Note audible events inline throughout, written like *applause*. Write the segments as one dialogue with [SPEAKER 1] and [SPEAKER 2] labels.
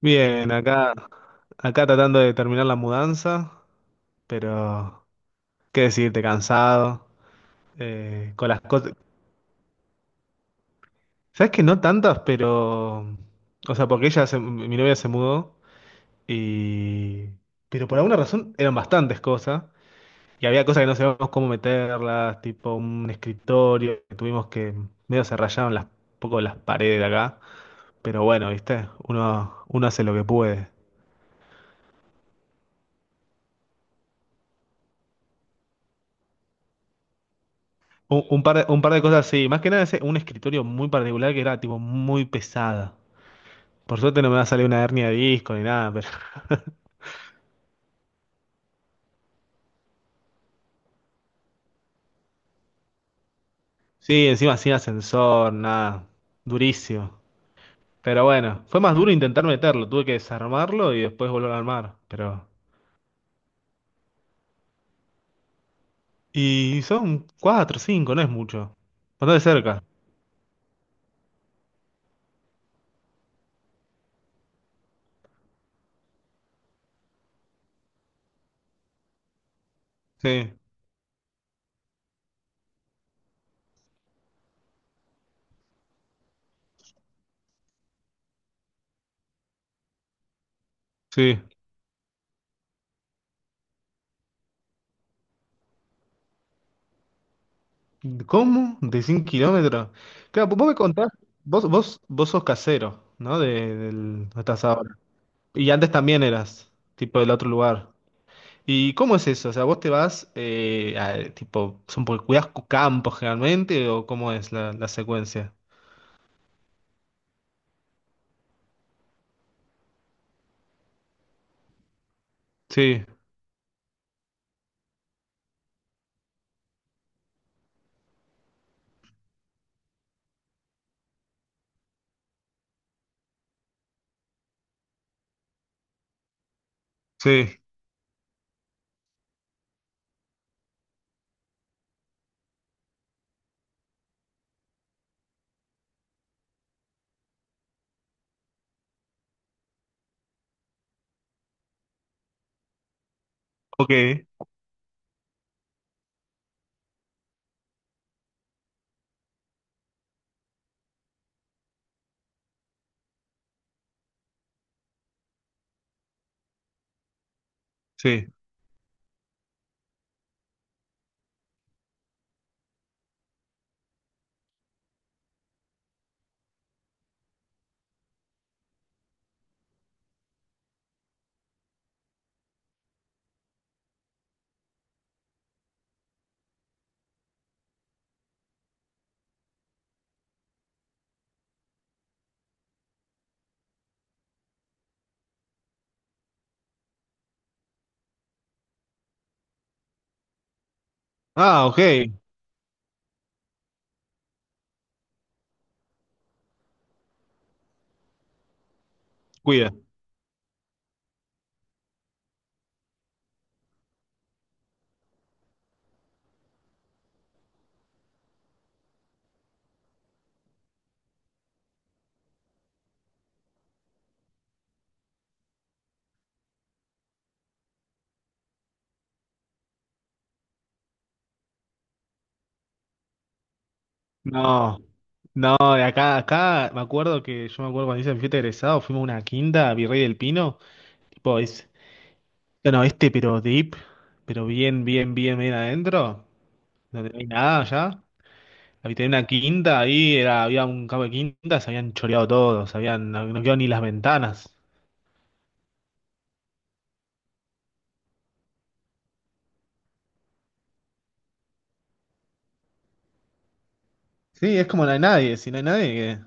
[SPEAKER 1] Bien, acá tratando de terminar la mudanza, pero qué decirte, cansado, con las cosas. Sabes que no tantas, pero. O sea, porque mi novia se mudó y. Pero por alguna razón eran bastantes cosas. Y había cosas que no sabíamos cómo meterlas, tipo un escritorio, que tuvimos que. Medio se rayaron un poco las paredes de acá. Pero bueno, viste, uno hace lo que puede. Un par de cosas, sí. Más que nada, un escritorio muy particular que era tipo muy pesada. Por suerte no me va a salir una hernia de disco ni nada, pero. *laughs* Sí, encima sin ascensor, nada. Durísimo. Pero bueno, fue más duro intentar meterlo. Tuve que desarmarlo y después volver a armar. Pero. Y son cuatro, cinco, no es mucho. Bastante cerca. Sí, sí. ¿Cómo? ¿De 100 kilómetros? Claro, vos me contás, vos sos casero, ¿no? Del, no estás ahora. Y antes también eras, tipo del otro lugar. ¿Y cómo es eso? O sea, vos te vas, tipo, son por cuidas campos generalmente, ¿o cómo es la secuencia? Sí, sí, ok, sí. Ah, ok, cuida. No, no, de acá me acuerdo que yo me acuerdo cuando hice mi fiesta de egresado, fuimos a una quinta, a Virrey del Pino, tipo, es, no, no, este pero deep, pero bien, bien, bien, bien adentro, donde no hay nada ya. había Tenía una quinta, ahí era, había un campo de quintas, se habían choreado todos, no, no quedó ni las ventanas. Sí, es como no hay nadie, si no hay nadie, que-.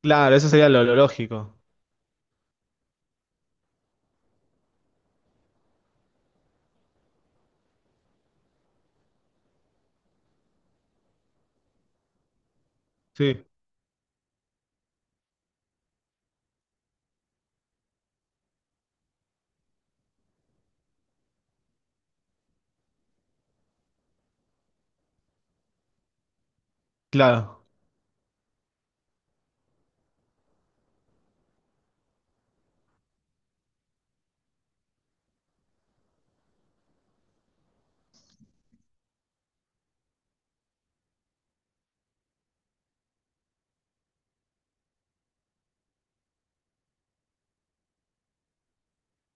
[SPEAKER 1] Claro, eso sería lo lógico. Sí, claro.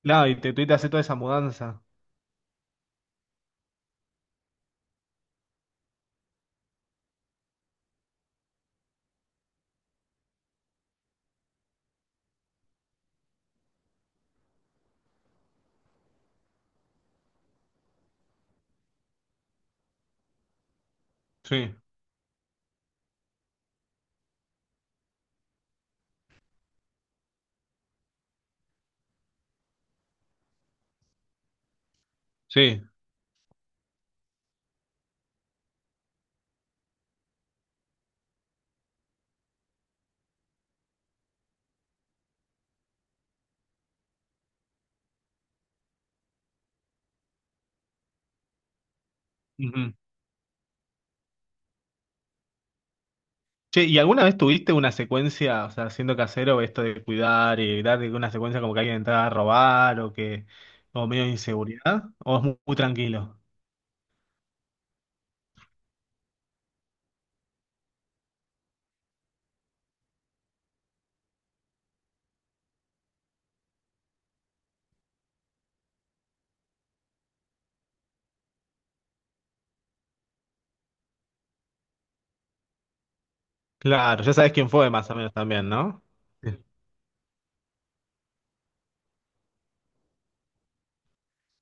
[SPEAKER 1] Claro, y te tuviste que hacer toda esa mudanza. Sí, sí. Ujú. Che, ¿y alguna vez tuviste una secuencia? O sea, siendo casero, esto de cuidar y evitar de que una secuencia como que alguien entrara a robar o que, o medio de inseguridad. ¿O es muy, muy tranquilo? Claro, ya sabes quién fue más o menos también, ¿no?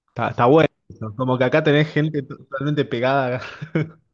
[SPEAKER 1] Está bueno eso. Como que acá tenés gente totalmente pegada. *laughs*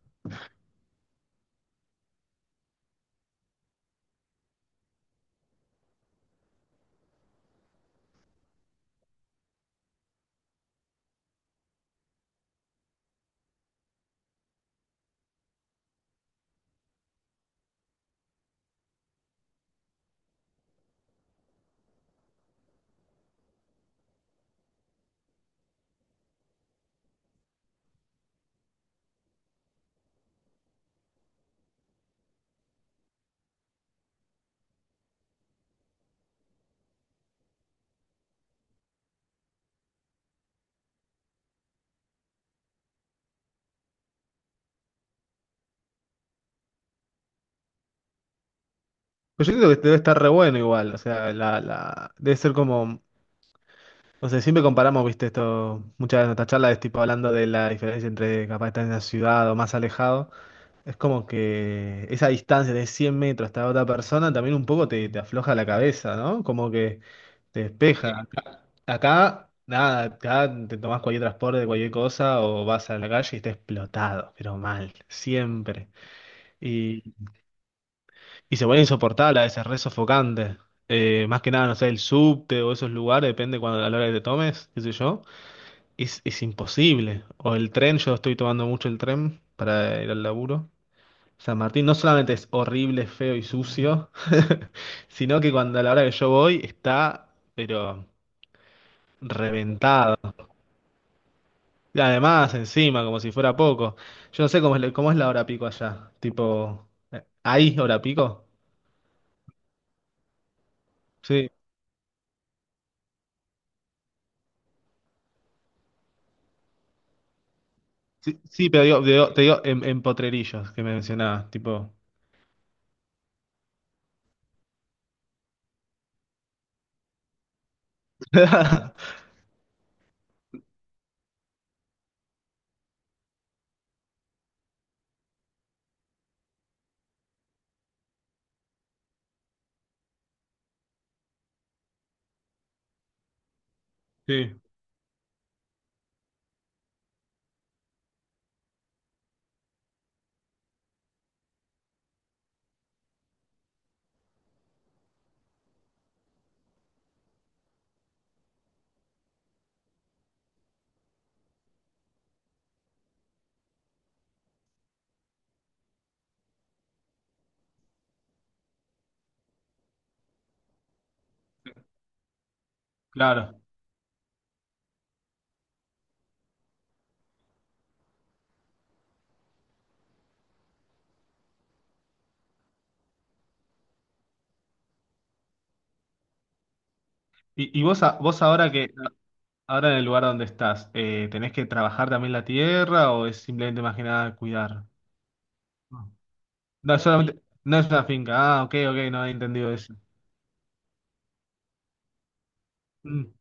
[SPEAKER 1] Pues yo creo que debe estar re bueno igual. O sea, debe ser como. No sé, siempre comparamos, viste, esto. Muchas de nuestras charlas es tipo hablando de la diferencia entre capaz estar en la ciudad o más alejado. Es como que esa distancia de 100 metros hasta otra persona también un poco te afloja la cabeza, ¿no? Como que te despeja. Acá, nada, acá te tomás cualquier transporte, cualquier cosa o vas a la calle y estás explotado, pero mal, siempre. Y y se vuelve insoportable, a veces re sofocante. Más que nada, no sé, el subte o esos lugares, depende cuando, a la hora que te tomes, qué sé yo. Es imposible. O el tren, yo estoy tomando mucho el tren para ir al laburo. San Martín no solamente es horrible, feo y sucio, *laughs* sino que cuando, a la hora que yo voy está, pero reventado. Y además, encima, como si fuera poco. Yo no sé cómo es, cómo es la hora pico allá. Tipo, ¿hay hora pico? Sí. Sí, sí, pero te digo en, Potrerillos que me mencionabas, tipo. *laughs* Sí, claro. ¿Y vos, vos ahora que ahora en el lugar donde estás, ¿tenés que trabajar también la tierra o es simplemente más que nada cuidar? No, no, es solamente, no es una finca. Ah, ok, ok, no he entendido eso. Mm.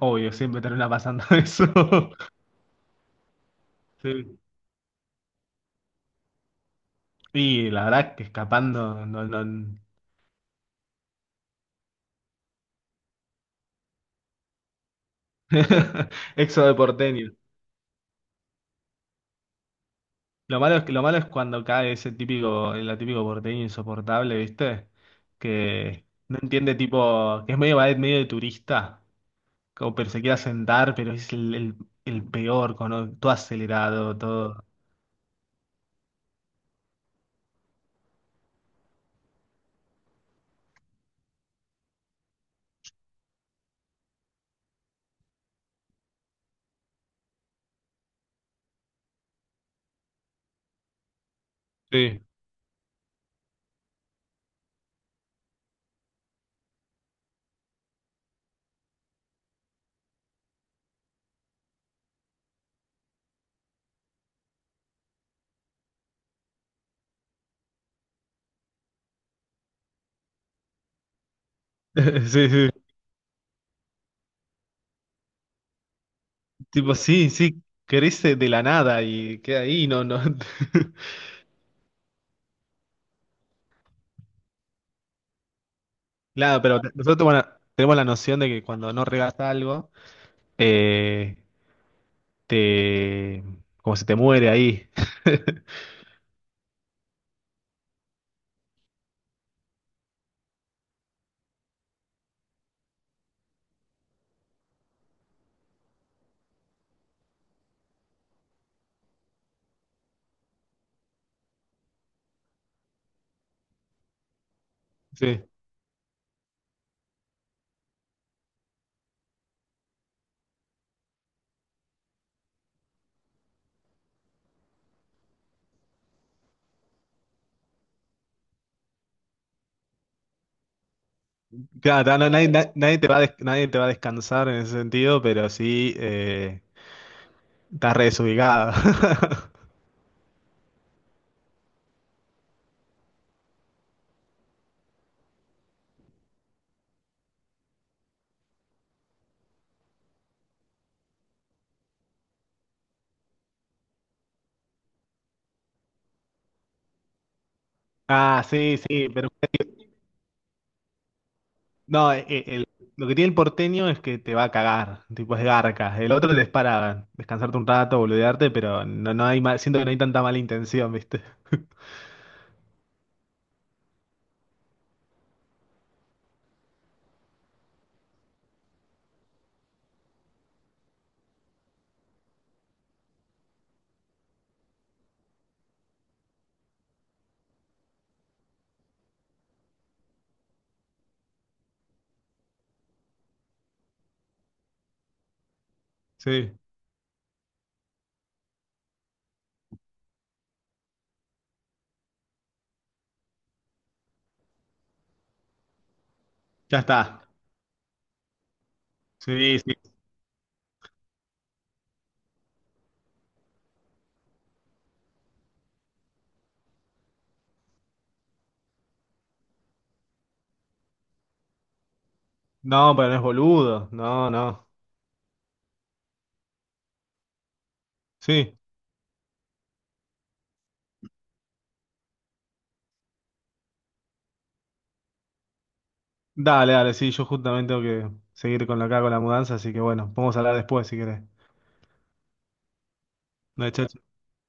[SPEAKER 1] Obvio, siempre termina pasando *laughs* eso. Sí. Y la verdad que escapando, no, no. *laughs* Éxodo de porteño. Lo malo es que, lo malo es cuando cae ese típico, el típico porteño insoportable, ¿viste? Que no entiende tipo, que es medio medio de turista, como pero se quiere sentar, pero es el peor, con todo acelerado, todo. Sí. *laughs* Sí, sí. Tipo, sí, sí, crece de la nada y queda ahí, no, no. *laughs* Claro, pero nosotros bueno, tenemos la noción de que cuando no regas algo, eh, te como se te muere ahí. *laughs* Sí. Claro, no, nadie te va a nadie te va a descansar en ese sentido, pero sí estás re desubicado. *laughs* Ah, sí, sí, pero no, lo que tiene el porteño es que te va a cagar, tipo es garca. El otro es para descansarte un rato, boludearte, pero no, no hay siento que no hay tanta mala intención, ¿viste? Sí, ya está. Sí, sí. No, pero no es boludo. No, no. Sí. Dale, dale, sí, yo justamente tengo que seguir con la acá con la mudanza, así que bueno, podemos hablar después si querés. No, chao,